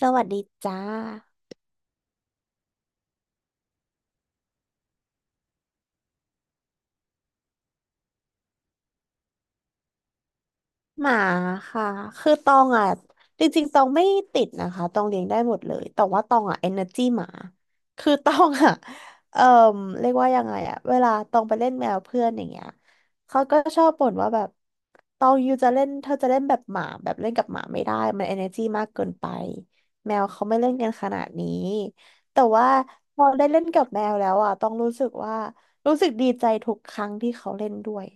สวัสดีจ้าหมาค่ะคือตองอ่ะจริงๆตองไม่ติดนะคะตองเลี้ยงได้หมดเลยแต่ว่าตองอ่ะเอเนอร์จีหมาคือตองอ่ะ เอ่อเรียกว่ายังไงอ่ะเวลาตองไปเล่นแมวเพื่อนอย่างเงี้ยเขาก็ชอบบ่นว่าแบบตองยูจะเล่นเธอจะเล่นแบบหมาแบบเล่นกับหมาไม่ได้มันเอเนอร์จีมากเกินไปแมวเขาไม่เล่นกันขนาดนี้แต่ว่าพอได้เล่นกับแมวแล้วอ่ะตองรู้สึกดีใจทุกครั้งที่เขาเล่นด้วย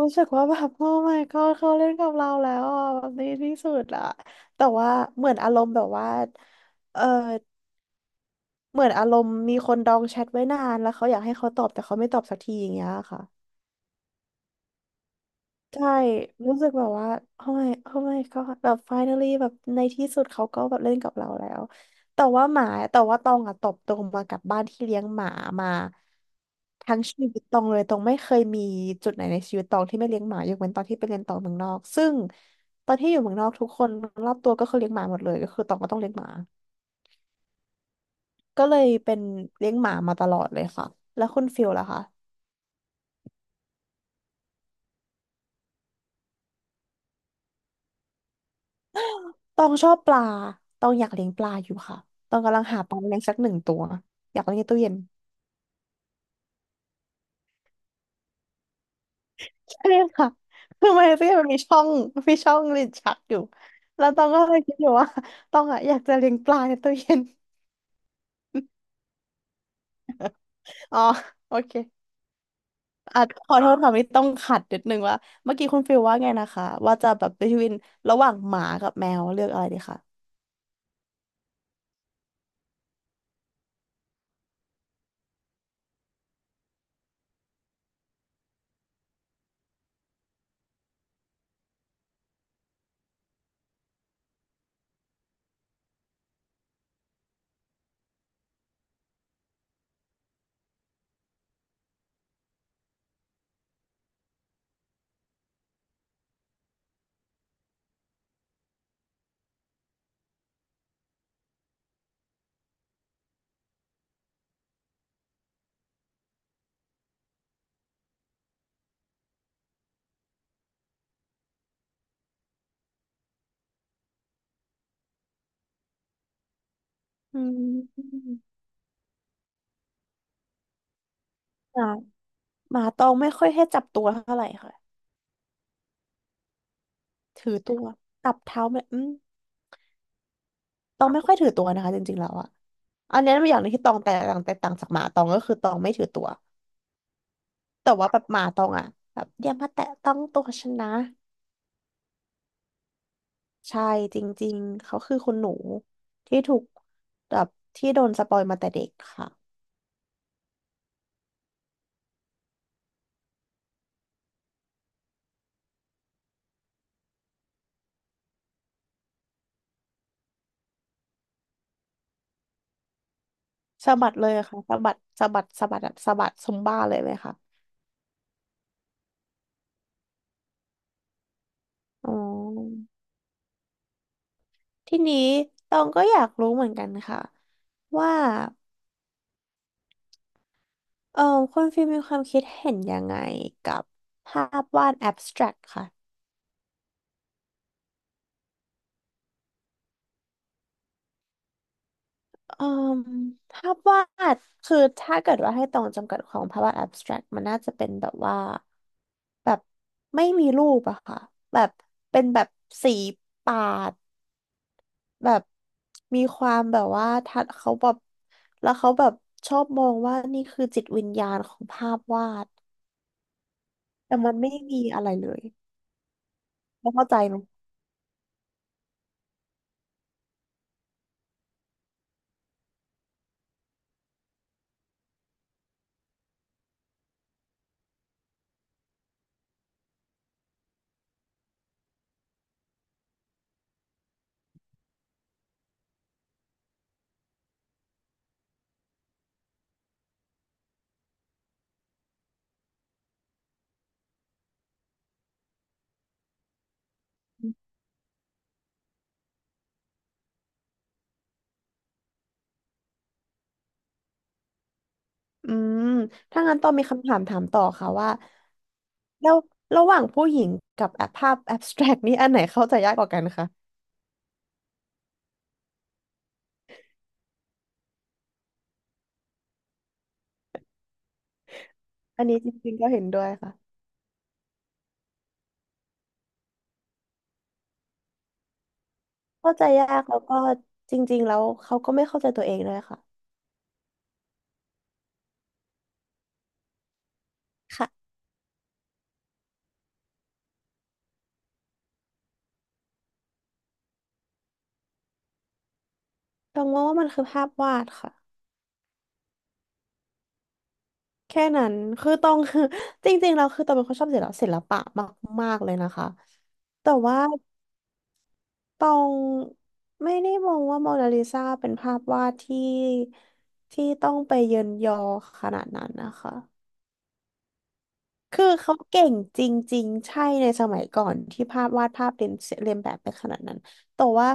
รู้สึกว่าแบบโอ้ my god เขาเล่นกับเราแล้วอ่ะแบบนี้ที่สุดอ่ะแต่ว่าเหมือนอารมณ์แบบว่าเออเหมือนอารมณ์มีคนดองแชทไว้นานแล้วเขาอยากให้เขาตอบแต่เขาไม่ตอบสักทีอย่างเงี้ยค่ะ ใช่รู้สึกแบบว่าโอ้ my god แบบ finally แบบในที่สุดเขาก็แบบเล่นกับเราแล้วแต่ว่าหมาแต่ว่าตองอะตบตรงมากับบ้านที่เลี้ยงหมามาทั้งชีวิตตองเลยตองไม่เคยมีจุดไหนในชีวิตตองที่ไม่เลี้ยงหมายกเว้นตอนที่ไปเรียนต่อเมืองนอกซึ่งตอนที่อยู่เมืองนอกทุกคนรอบตัวก็คือเลี้ยงหมาหมดเลยก็คือตองก็ต้องเลี้ยงหมาก็เลยเป็นเลี้ยงหมามาตลอดเลยค่ะแล้วคุณฟิลล่ะคะ ตองชอบปลาตองอยากเลี้ยงปลาอยู่ค่ะตองกำลังหาปลาเลี้ยงสักหนึ่งตัวอยากเลี้ยงในตู้เย็นใช่ค่ะคือมันในตู้เย็นมันมีช่องลิ้นชักอยู่แล้วตองก็เลยคิดอยู่ว่าตองอะอยากจะเลี้ยงปลาในตู้เย็นอ๋อโอเคอ่ะขอโทษค่ะไม่ต้องขัดนิดนึงว่าเมื่อกี้คุณฟิลว่าไงนะคะว่าจะแบบดนวินระหว่างหมากับแมวเลือกอะไรดีคะอืมหมาหมาตองไม่ค่อยให้จับตัวเท่าไหร่ค่ะถือตัวจับเท้าไม่อืม ตองไม่ค่อยถือตัวนะคะจริงๆ แล้วอะอันเนี้ยเป็นอย่างหนึงที่ตองแตกต่างจากหมาตองก็คือตองไม่ถือตัวแต่ว่าแบบหมาตองอะแบบอย่ามาแตะต้องตัวฉันนะใช่จริงๆเขาคือคุณหนูที่ถูกแบบที่โดนสปอยมาแต่เด็กค่ะสะบัดเลยค่ะสะบัดสะบัดสะบัดอะสะบัดซุมบ้าเลยไหมคะอ๋อทีนี้ตองก็อยากรู้เหมือนกันค่ะว่าเออคุณฟิลมมีความคิดเห็นยังไงกับภาพวาดแอบสแตรกค่ะ อืมภาพวาดคือถ้าเกิดว่าให้ตรงจำกัดของภาพวาด abstract มันน่าจะเป็นแบบว่าแบบไม่มีรูปอะค่ะแบบเป็นแบบสีปาดแบบมีความแบบว่าทัดเขาแบบแล้วเขาแบบชอบมองว่านี่คือจิตวิญญาณของภาพวาดแต่มันไม่มีอะไรเลยเราเข้าใจไหม อืมถ้างั้นต้องมีคำถามถามต่อค่ะว่าแล้วระหว่างผู้หญิงกับแอปภาพแอบสแตรกนี่อันไหนเข้าใจยากกว่ากันคะอันนี้จริงๆก็เห็นด้วยค่ะเข้าใจยากแล้วก็จริงๆแล้วเขาก็ไม่เข้าใจตัวเองด้วยค่ะค่ะต้องมองว่ามันคือภาพวาดค่ะแค่นั้นคือต้อง คือ จริงๆเราคือตองเป็นคนชอบศิลปะมากๆเลยนะคะแต่ว่า ตองไม่ได้มองว่าโมนาลิซาเป็นภาพวาดที่ต้องไปเยินยอขนาดนั้นนะคะคือเขาเก่งจริงๆใช่ในสมัยก่อนที่ภาพวาดภาพเลียนแบบไปขนาดนั้นแต่ว่า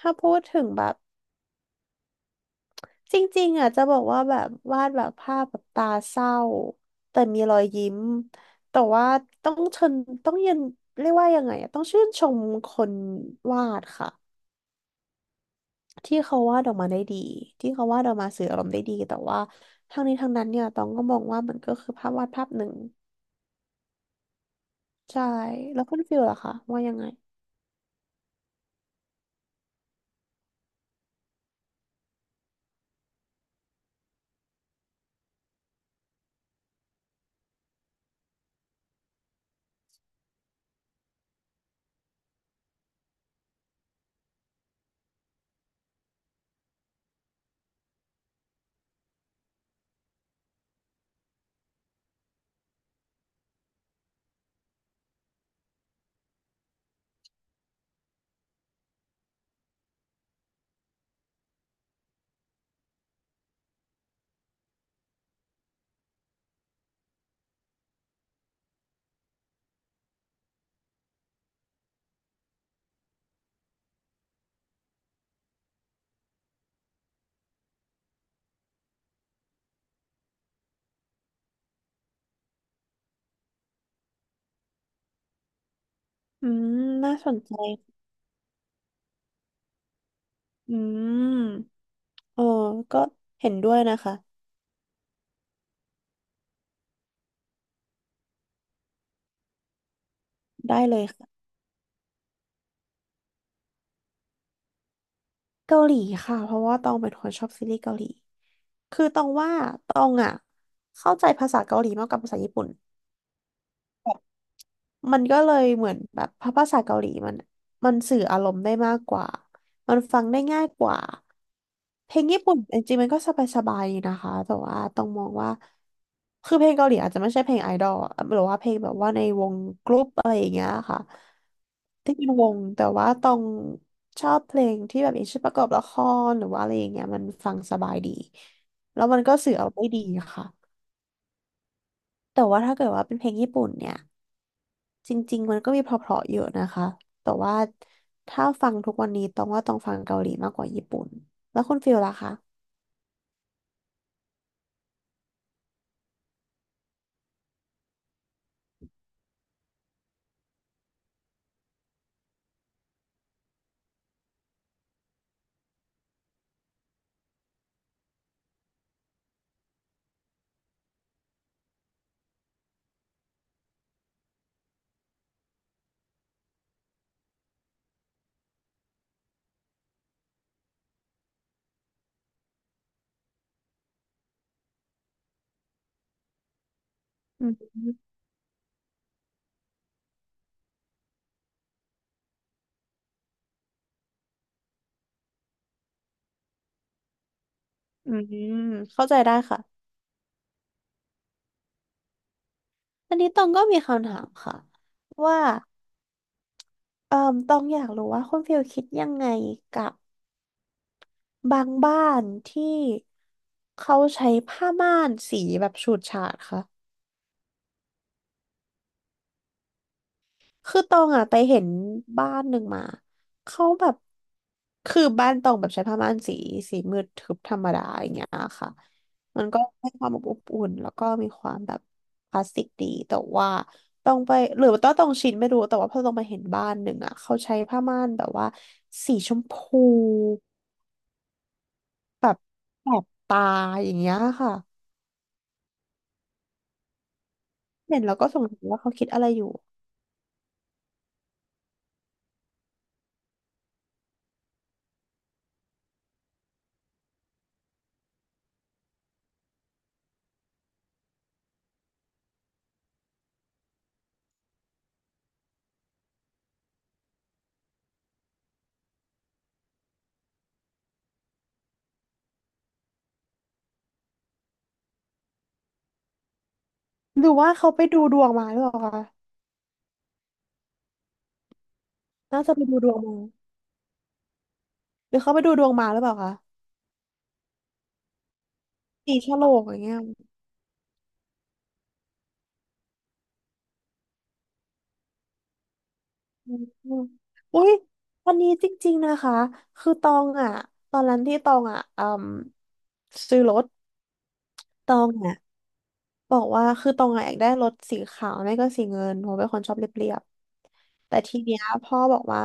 ถ้าพูดถึงแบบจริงๆอ่ะจะบอกว่าแบบวาดแบบภาพแบบตาเศร้าแต่มีรอยยิ้มแต่ว่าต้องชนต้องเยินเรียกว่ายังไงอะต้องชื่นชมคนวาดค่ะ ที่เขาวาดออกมาได้ดีที่เขาวาดออกมาสื่ออารมณ์ได้ดีแต่ว่าทั้งนี้ทั้งนั้นเนี่ยตองก็มองว่ามันก็คือภาพวาดภาพหนึ่งใช่แล้วคุณฟิลล่ะคะว่ายังไงอืมน่าสนใจอืมเออก็เห็นด้วยนะคะได้เลยค่ะเกาหลีค่ะเพราะว่าตองเป็นคนชอบซีรีส์เกาหลีคือตองว่าตองอ่ะเข้าใจภาษาเกาหลีมากกว่าภาษาญี่ปุ่นมันก็เลยเหมือนแบบภาษาเกาหลีมันสื่ออารมณ์ได้มากกว่ามันฟังได้ง่ายกว่า เพลงญี่ปุ่นจริงๆมันก็สบายๆดีนะคะแต่ว่าต้องมองว่าคือเพลงเกาหลีอาจจะไม่ใช่เพลงไอดอลอะหรือว่าเพลงแบบว่าในวงกรุ๊ปอะไรอย่างเงี้ยค่ะที่เป็นวงแต่ว่าต้องชอบเพลงที่แบบอย่างเช่นประกอบละครหรือว่าอะไรอย่างเงี้ยมันฟังสบายดีแล้วมันก็สื่อเอาได้ดีค่ะแต่ว่าถ้าเกิดว่าเป็นเพลงญี่ปุ่นเนี่ยจริงๆมันก็มีเพราะๆเยอะนะคะแต่ว่าถ้าฟังทุกวันนี้ต้องว่าต้องฟังเกาหลีมากกว่าญี่ปุ่นแล้วคุณฟิลล่ะคะอืม อืมเข้าใจได้ค่ะอันนี้ตองก็มีคำถามค่ะว่าตองอยากรู้ว่าคุณฟิลคิดยังไงกับบางบ้านที่เขาใช้ผ้าม่านสีแบบฉูดฉาดค่ะ คือตองอ่ะไปเห็นบ้านหนึ่งมาเขาแบบคือบ้านตองแบบใช้ผ้าม่านสีสีมืดทึบธรรมดาอย่างเงี้ยค่ะมันก็ให้ความอบอบอุ่นแล้วก็มีความแบบคลาสสิกดีแต่ว่าต้องไปหรือว่าต้องชินไม่รู้แต่ว่าพอต้องมาเห็นบ้านหนึ่งอ่ะเขาใช้ผ้าม่านแบบว่าสีชมพูแบบแสบตาอย่างเงี้ยค่ะเห็นแล้วก็สงสัยว่าเขาคิดอะไรอยู่หรือว่าเขาไปดูดวงมาหรือเปล่าคะน่าจะไปดูดวงมาหรือเขาไปดูดวงมาหรือเปล่าคะ สีฉลกอย่างเงี้ยอืมอุ้ยวันนี้จริงๆนะคะ คือตองอ่ะตอนนั้นที่ตองอ่ะอืมซื้อรถตองอ่ะบอกว่าคือตองอ่ะอยากได้รถสีขาวไม่ก็สีเงินเพราะเป็นคนชอบเรียบๆ แต่ทีเนี้ยพ่อบอกว่า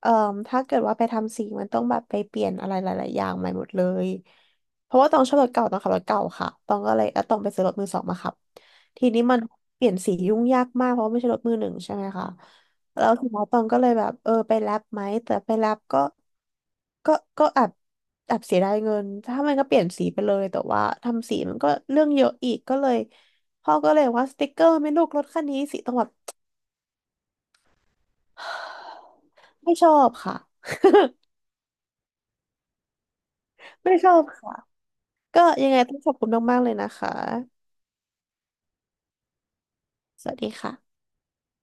เอ่อถ้าเกิดว่าไปทำสีมันต้องแบบไปเปลี่ยนอะไรหลายๆอย่างใหม่หมดเลยเพราะว่าต้องชอบรถเก่าต้องขับรถเก่าค่ะต้องก็เลยเออต้องไปซื้อรถมือสองมาขับ ทีนี้มันเปลี่ยนสียุ่งยากมากเพราะว่าไม่ใช่รถมือหนึ่งใช่ไหมคะแล้วทีนี้ตองก็เลยแบบเออไปแลบไหมแต่ไปแลบก็ก็ก็แอบเสียดายเงินถ้ามันก็เปลี่ยนสีไปเลยแต่ว่าทำสีมันก็เรื่องเยอะอีกก็เลยพ่อก็เลยว่าสติ๊กเกอร์ไหม่ลูกรถคันนี้สีต้องแบบ ไม่ชอบค่ะ ไม่ชอบค่ะ ก็ยังไงต้องขอบคุณมากๆเลยนะคะ สวัสดีค่ะ